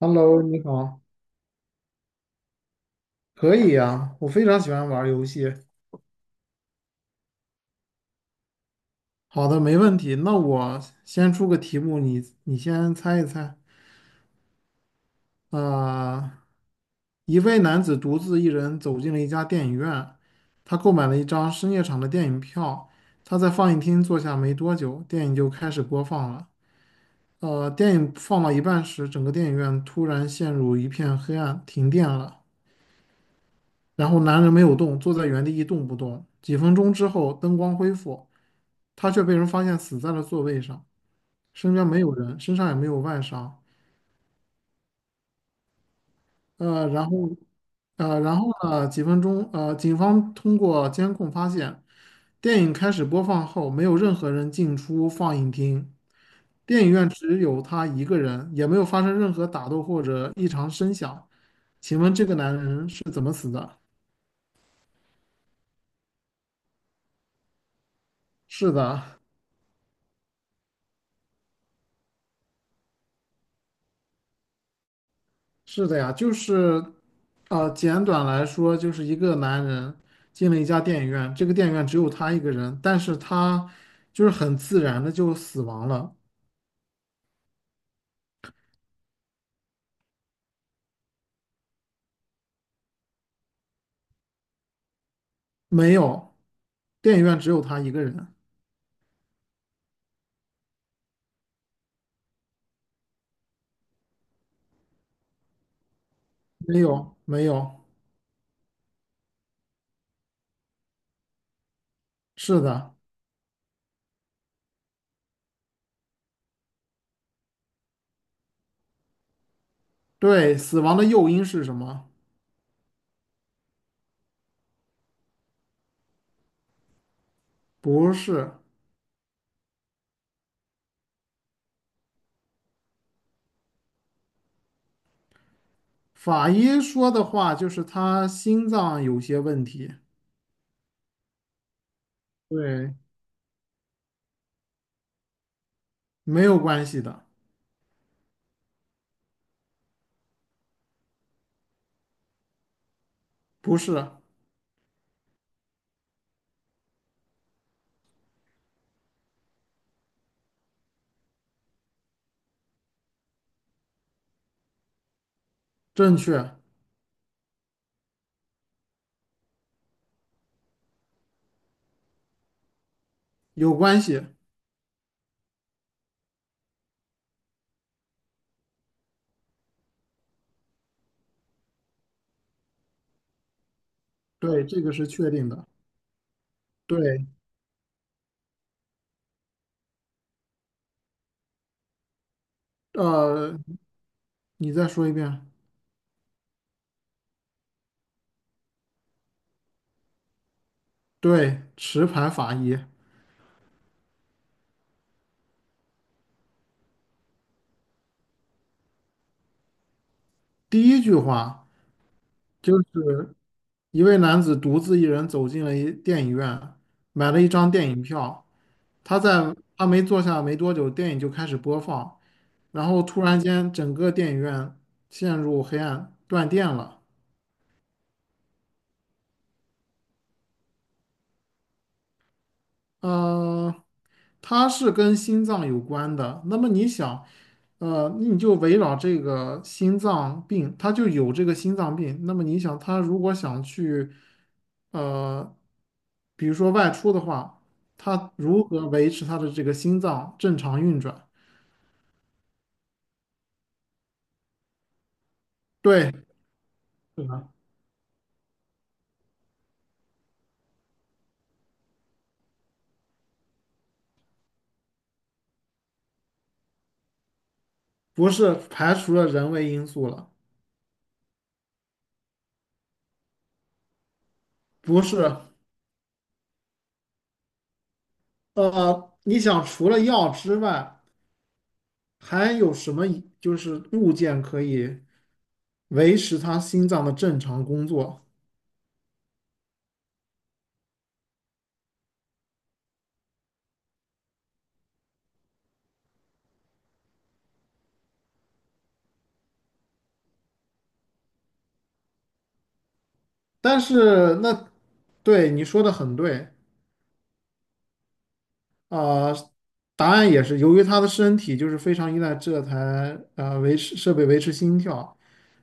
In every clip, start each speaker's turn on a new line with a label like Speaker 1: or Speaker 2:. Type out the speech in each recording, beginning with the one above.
Speaker 1: Hello，你好，可以呀，我非常喜欢玩儿游戏。好的，没问题。那我先出个题目，你先猜一猜。啊、一位男子独自一人走进了一家电影院，他购买了一张深夜场的电影票。他在放映厅坐下没多久，电影就开始播放了。电影放到一半时，整个电影院突然陷入一片黑暗，停电了。然后男人没有动，坐在原地一动不动。几分钟之后，灯光恢复。他却被人发现死在了座位上，身边没有人，身上也没有外伤。呃，然后，然后呢？几分钟，警方通过监控发现，电影开始播放后，没有任何人进出放映厅，电影院只有他一个人，也没有发生任何打斗或者异常声响。请问这个男人是怎么死的？是的，是的呀，就是，简短来说，就是一个男人进了一家电影院，这个电影院只有他一个人，但是他就是很自然的就死亡了，没有，电影院只有他一个人，没有，没有，是的，对，死亡的诱因是什么？不是，法医说的话就是他心脏有些问题，对，没有关系的，不是，正确，有关系，对，这个是确定的。对，呃，你再说一遍。对，持牌法医。第一句话就是一位男子独自一人走进了一电影院，买了一张电影票。他没坐下没多久，电影就开始播放，然后突然间整个电影院陷入黑暗，断电了。呃，它是跟心脏有关的。那么你想，那你就围绕这个心脏病，他就有这个心脏病。那么你想，他如果想去，呃，比如说外出的话，他如何维持他的这个心脏正常运转？对，是的，不是排除了人为因素了，不是。你想除了药之外，还有什么就是物件可以？维持他心脏的正常工作。但是那对你说的很对啊、呃答案也是由于他的身体就是非常依赖这台维持设备维持心跳，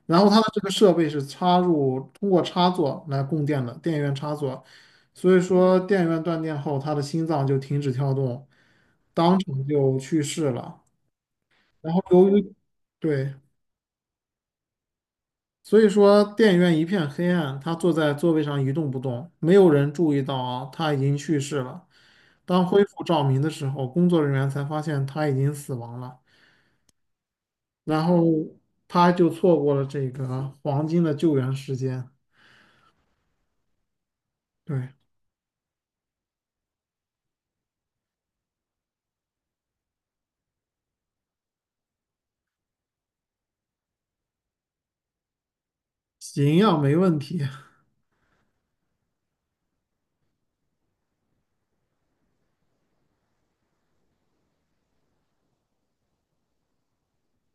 Speaker 1: 然后他的这个设备是插入通过插座来供电的电源插座，所以说电源断电后，他的心脏就停止跳动，当场就去世了。然后由于对。所以说，电影院一片黑暗，他坐在座位上一动不动，没有人注意到啊，他已经去世了。当恢复照明的时候，工作人员才发现他已经死亡了，然后他就错过了这个黄金的救援时间。对，行营没问题，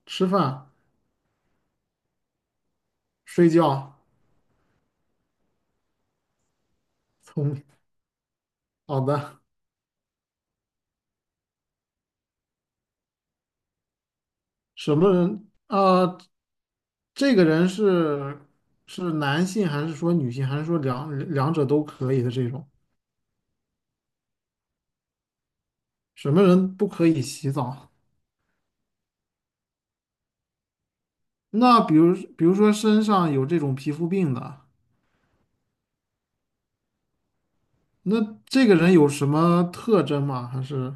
Speaker 1: 吃饭、睡觉，聪明。好的，什么人啊？这个人是是男性还是说女性，还是说两者都可以的这种？什么人不可以洗澡？那比如，比如说身上有这种皮肤病的，那这个人有什么特征吗？还是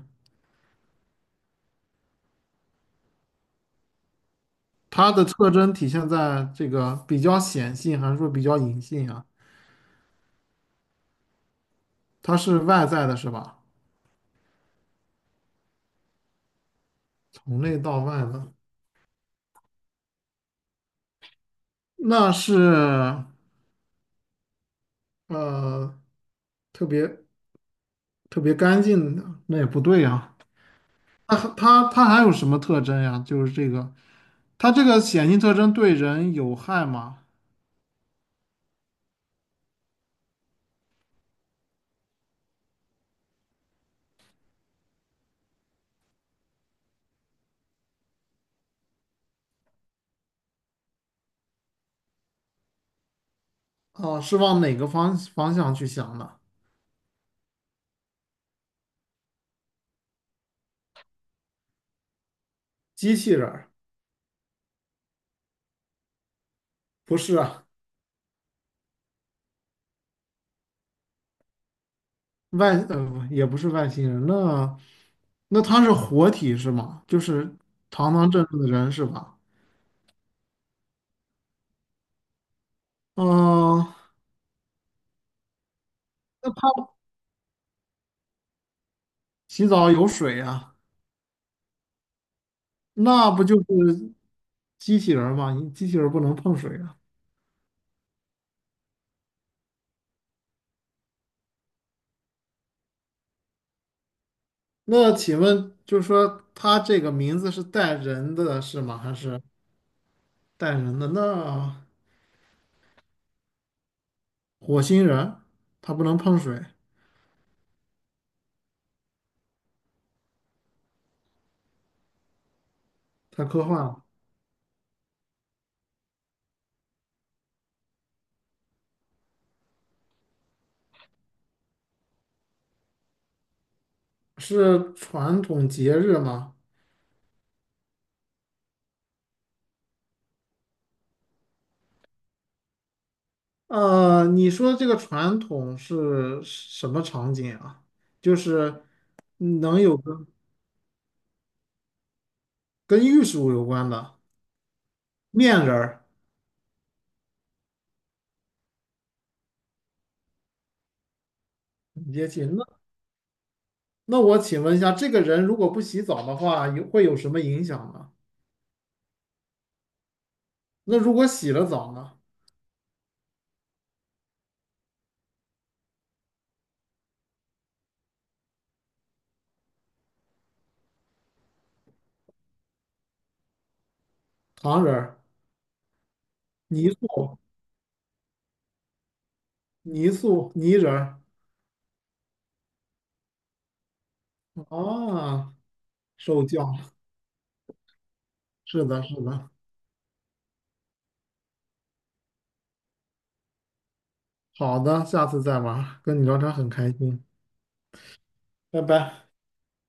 Speaker 1: 他的特征体现在这个比较显性，还是说比较隐性啊？他是外在的，是吧？从内到外的，那是呃特别特别干净的，那也不对呀、那他还有什么特征呀？就是这个，他这个显性特征对人有害吗？哦，是往哪个方向去想的？机器人儿不是啊，也不是外星人，那那他是活体是吗？就是堂堂正正的人是吧？嗯、那他洗澡有水啊，那不就是机器人儿吗？你机器人儿不能碰水啊。那请问，就是说他这个名字是带人的是吗？还是带人的？那火星人他不能碰水，太科幻了。是传统节日吗？你说这个传统是什么场景啊？就是能有跟跟玉树有关的面人儿节气。那我请问一下，这个人如果不洗澡的话，有会有什么影响呢？那如果洗了澡呢？糖人儿、泥塑、泥塑、泥人儿啊，受教。是的，是的。好的，下次再玩儿，跟你聊天很开心，拜拜。